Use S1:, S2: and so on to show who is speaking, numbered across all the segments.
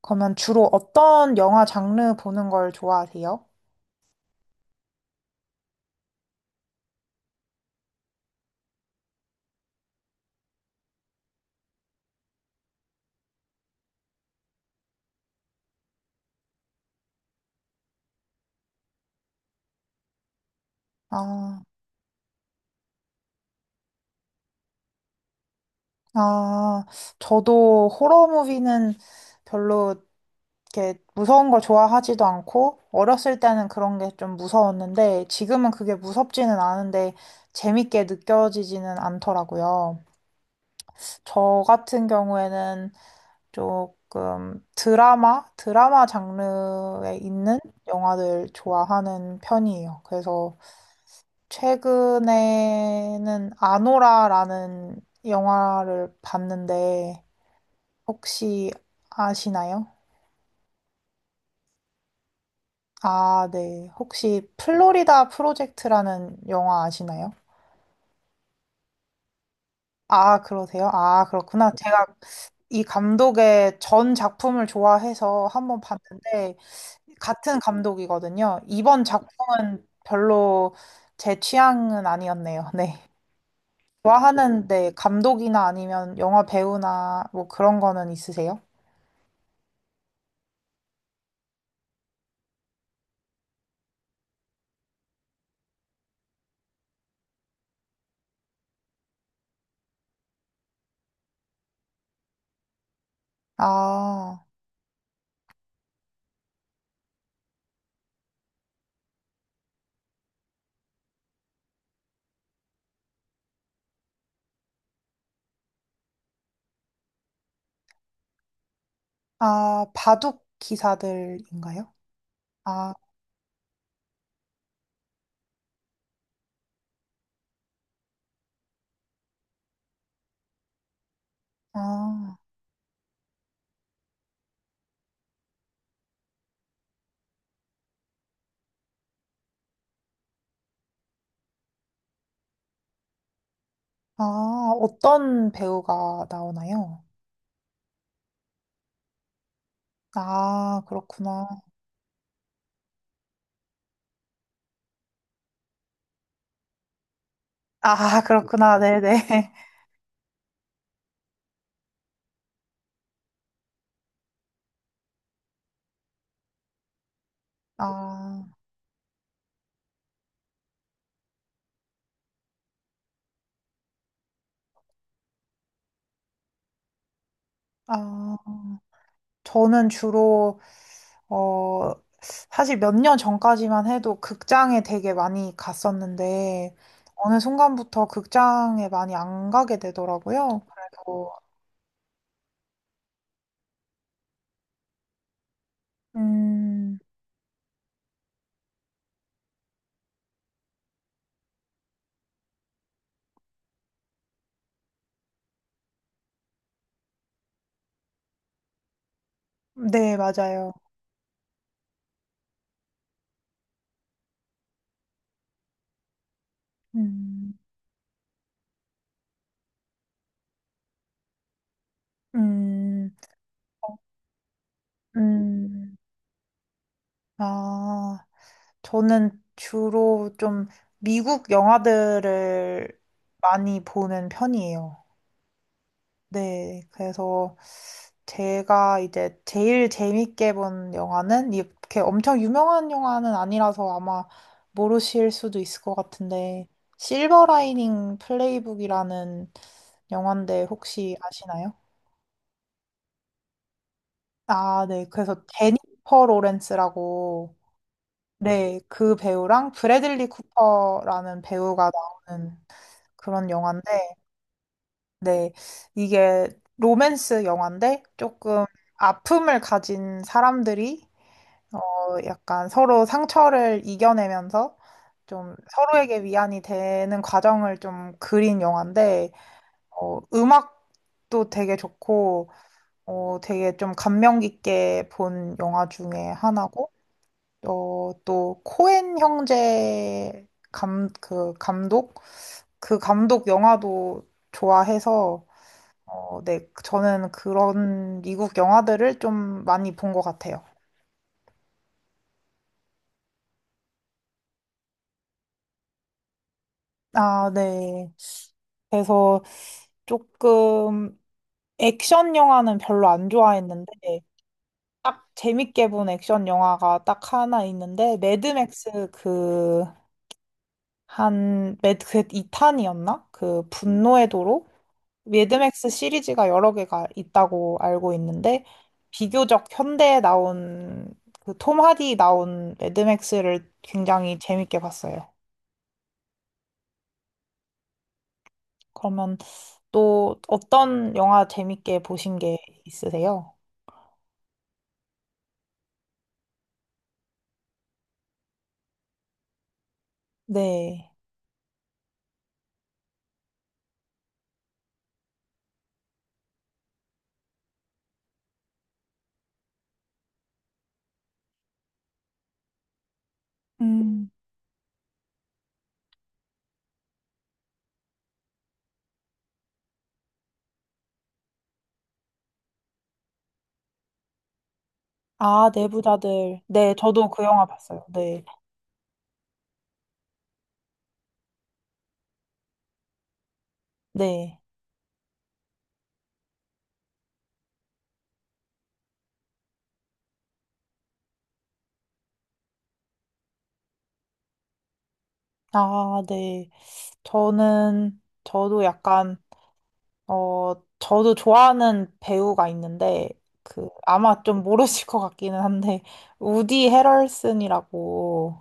S1: 그러면 주로 어떤 영화 장르 보는 걸 좋아하세요? 아, 아, 저도 호러 무비는 별로 이렇게 무서운 걸 좋아하지도 않고, 어렸을 때는 그런 게 좀 무서웠는데, 지금은 그게 무섭지는 않은데, 재밌게 느껴지지는 않더라고요. 저 같은 경우에는 조금 드라마? 드라마 장르에 있는 영화들 좋아하는 편이에요. 그래서 최근에는 아노라라는 영화를 봤는데 혹시 아시나요? 아, 네. 혹시 플로리다 프로젝트라는 영화 아시나요? 아, 그러세요? 아, 그렇구나. 제가 이 감독의 전 작품을 좋아해서 한번 봤는데 같은 감독이거든요. 이번 작품은 별로 제 취향은 아니었네요. 네. 좋아하는 네, 감독이나 아니면 영화 배우나 뭐 그런 거는 있으세요? 아, 아, 바둑 기사들인가요? 아, 아, 아, 어떤 배우가 나오나요? 아, 그렇구나. 아, 그렇구나. 네네. 아, 아, 저는 주로, 어, 사실 몇 년 전까지만 해도 극장에 되게 많이 갔었는데, 어느 순간부터 극장에 많이 안 가게 되더라고요. 그래서, 음, 네, 맞아요. 음, 음. 음, 아, 저는 주로 좀 미국 영화들을 많이 보는 편이에요. 네, 그래서 제가 이제 제일 재밌게 본 영화는 이렇게 엄청 유명한 영화는 아니라서 아마 모르실 수도 있을 것 같은데, 실버 라이닝 플레이북이라는 영화인데 혹시 아시나요? 아, 네. 그래서 제니퍼 로렌스라고 네, 그 배우랑 브래들리 쿠퍼라는 배우가 나오는 그런 영화인데, 네, 이게 로맨스 영화인데 조금 아픔을 가진 사람들이 어, 약간 서로 상처를 이겨내면서 좀 서로에게 위안이 되는 과정을 좀 그린 영화인데, 음악도 되게 좋고, 되게 좀 감명 깊게 본 영화 중에 하나고, 또 코엔 형제 그 감독 그 감독 영화도 좋아해서 네, 저는 그런 미국 영화들을 좀 많이 본 것 같아요. 아, 네. 그래서 조금 액션 영화는 별로 안 좋아했는데 딱 재밌게 본 액션 영화가 딱 하나 있는데 매드맥스 그 한 매드 그 2탄이었나? 그 분노의 도로? 매드맥스 시리즈가 여러 개가 있다고 알고 있는데 비교적 현대에 나온 그 톰 하디 나온 매드맥스를 굉장히 재밌게 봤어요. 그러면 또 어떤 영화 재밌게 보신 게 있으세요? 네. 음. 아, 내부자들. 네, 저도 그 영화 봤어요. 네. 네. 아, 네. 저는 저도 약간 어, 저도 좋아하는 배우가 있는데, 그, 아마 좀 모르실 것 같기는 한데, 우디 헤럴슨이라고.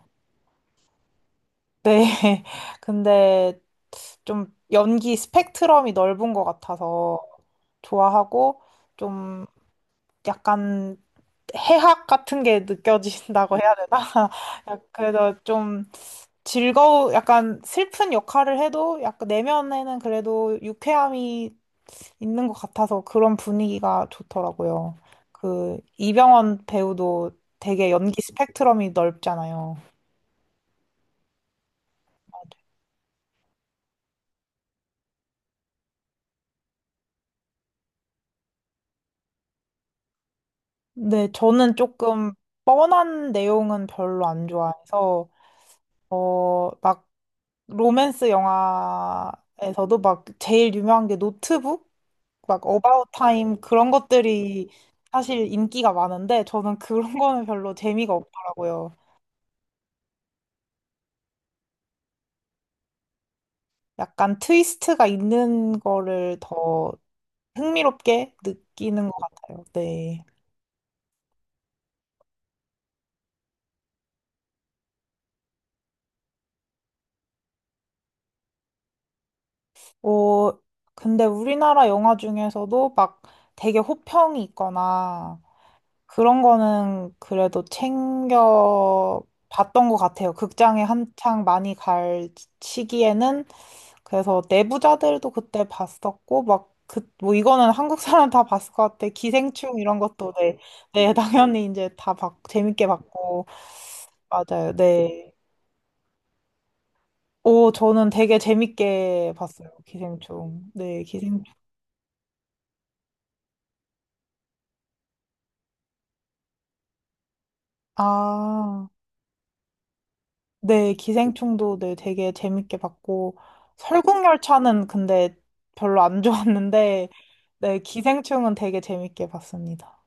S1: 네. 근데 좀 연기 스펙트럼이 넓은 것 같아서 좋아하고, 좀 약간 해학 같은 게 느껴진다고 해야 되나? 그래서 좀 즐거운, 약간 슬픈 역할을 해도, 약간 내면에는 그래도 유쾌함이 있는 것 같아서 그런 분위기가 좋더라고요. 그 이병헌 배우도 되게 연기 스펙트럼이 넓잖아요. 근데 저는 조금 뻔한 내용은 별로 안 좋아해서 막 로맨스 영화에서도 막 제일 유명한 게 노트북, 막 어바웃 타임 그런 것들이 사실 인기가 많은데 저는 그런 거는 별로 재미가 없더라고요. 약간 트위스트가 있는 거를 더 흥미롭게 느끼는 것 같아요. 네. 어, 근데 우리나라 영화 중에서도 막 되게 호평이 있거나 그런 거는 그래도 챙겨 봤던 것 같아요. 극장에 한창 많이 갈 시기에는 그래서 내부자들도 그때 봤었고 막 그, 뭐 이거는 한국 사람 다 봤을 것 같아. 기생충 이런 것도 네, 네 당연히 이제 다 봤, 재밌게 봤고 맞아요. 네. 오, 저는 되게 재밌게 봤어요, 기생충. 네, 기생충. 아, 네, 기생충도 네, 되게 재밌게 봤고, 설국열차는 근데 별로 안 좋았는데, 네, 기생충은 되게 재밌게 봤습니다.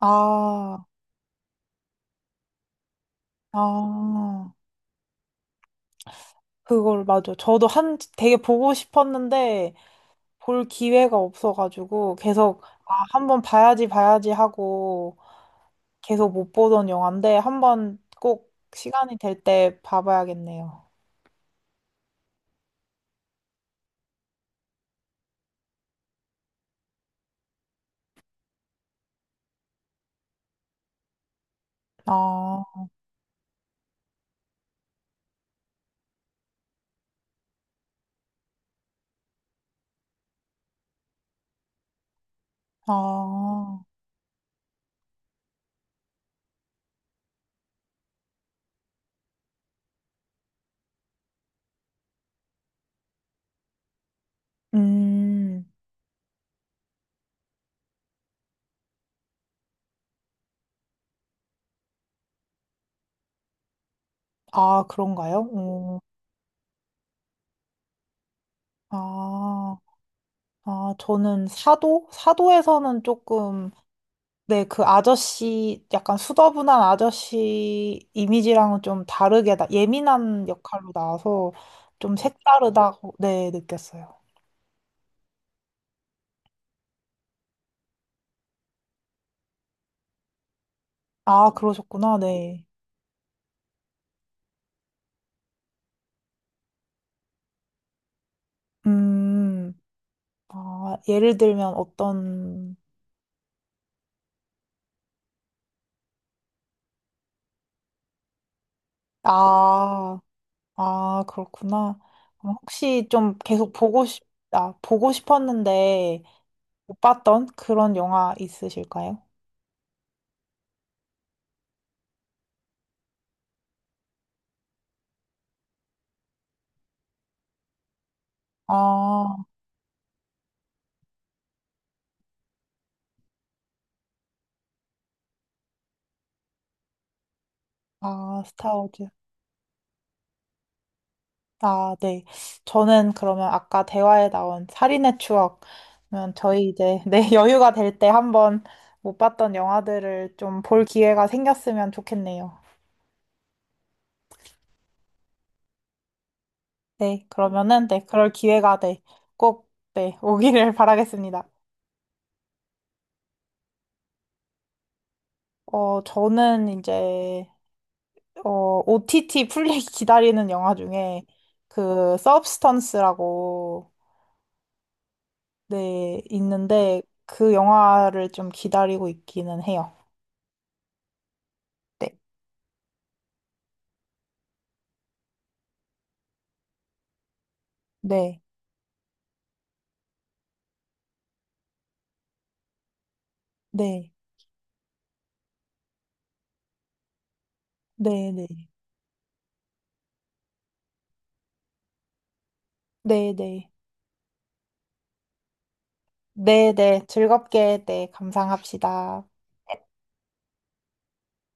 S1: 아, 아, 그걸 맞아. 저도 되게 보고 싶었는데, 볼 기회가 없어가지고, 계속, 아, 한번 봐야지, 봐야지 하고, 계속 못 보던 영화인데 한번 꼭 시간이 될 때 봐봐야겠네요. 아, 아, 음, 아, 그런가요? 오, 아, 아, 저는 사도? 사도에서는 조금, 네, 그 아저씨, 약간 수더분한 아저씨 이미지랑은 좀 다르게, 나, 예민한 역할로 나와서 좀 색다르다고, 네, 느꼈어요. 아, 그러셨구나, 네. 음, 아, 예를 들면 어떤 아, 아, 그렇구나. 그럼 혹시 좀 계속 아, 보고 싶었는데 못 봤던 그런 영화 있으실까요? 아, 아, 스타워즈. 아, 네. 저는 그러면 아까 대화에 나온 살인의 추억. 그러면 저희 이제 네, 여유가 될 때 한번 못 봤던 영화들을 좀 볼 기회가 생겼으면 좋겠네요. 네, 그러면은 네, 그럴 기회가 네, 꼭 네, 오기를 바라겠습니다. 저는 이제 OTT 풀리기 기다리는 영화 중에 그 서브스턴스라고 네, 있는데 그 영화를 좀 기다리고 있기는 해요. 네. 네. 네. 네, 네. 네, 네. 네, 네. 즐겁게 네, 감상합시다.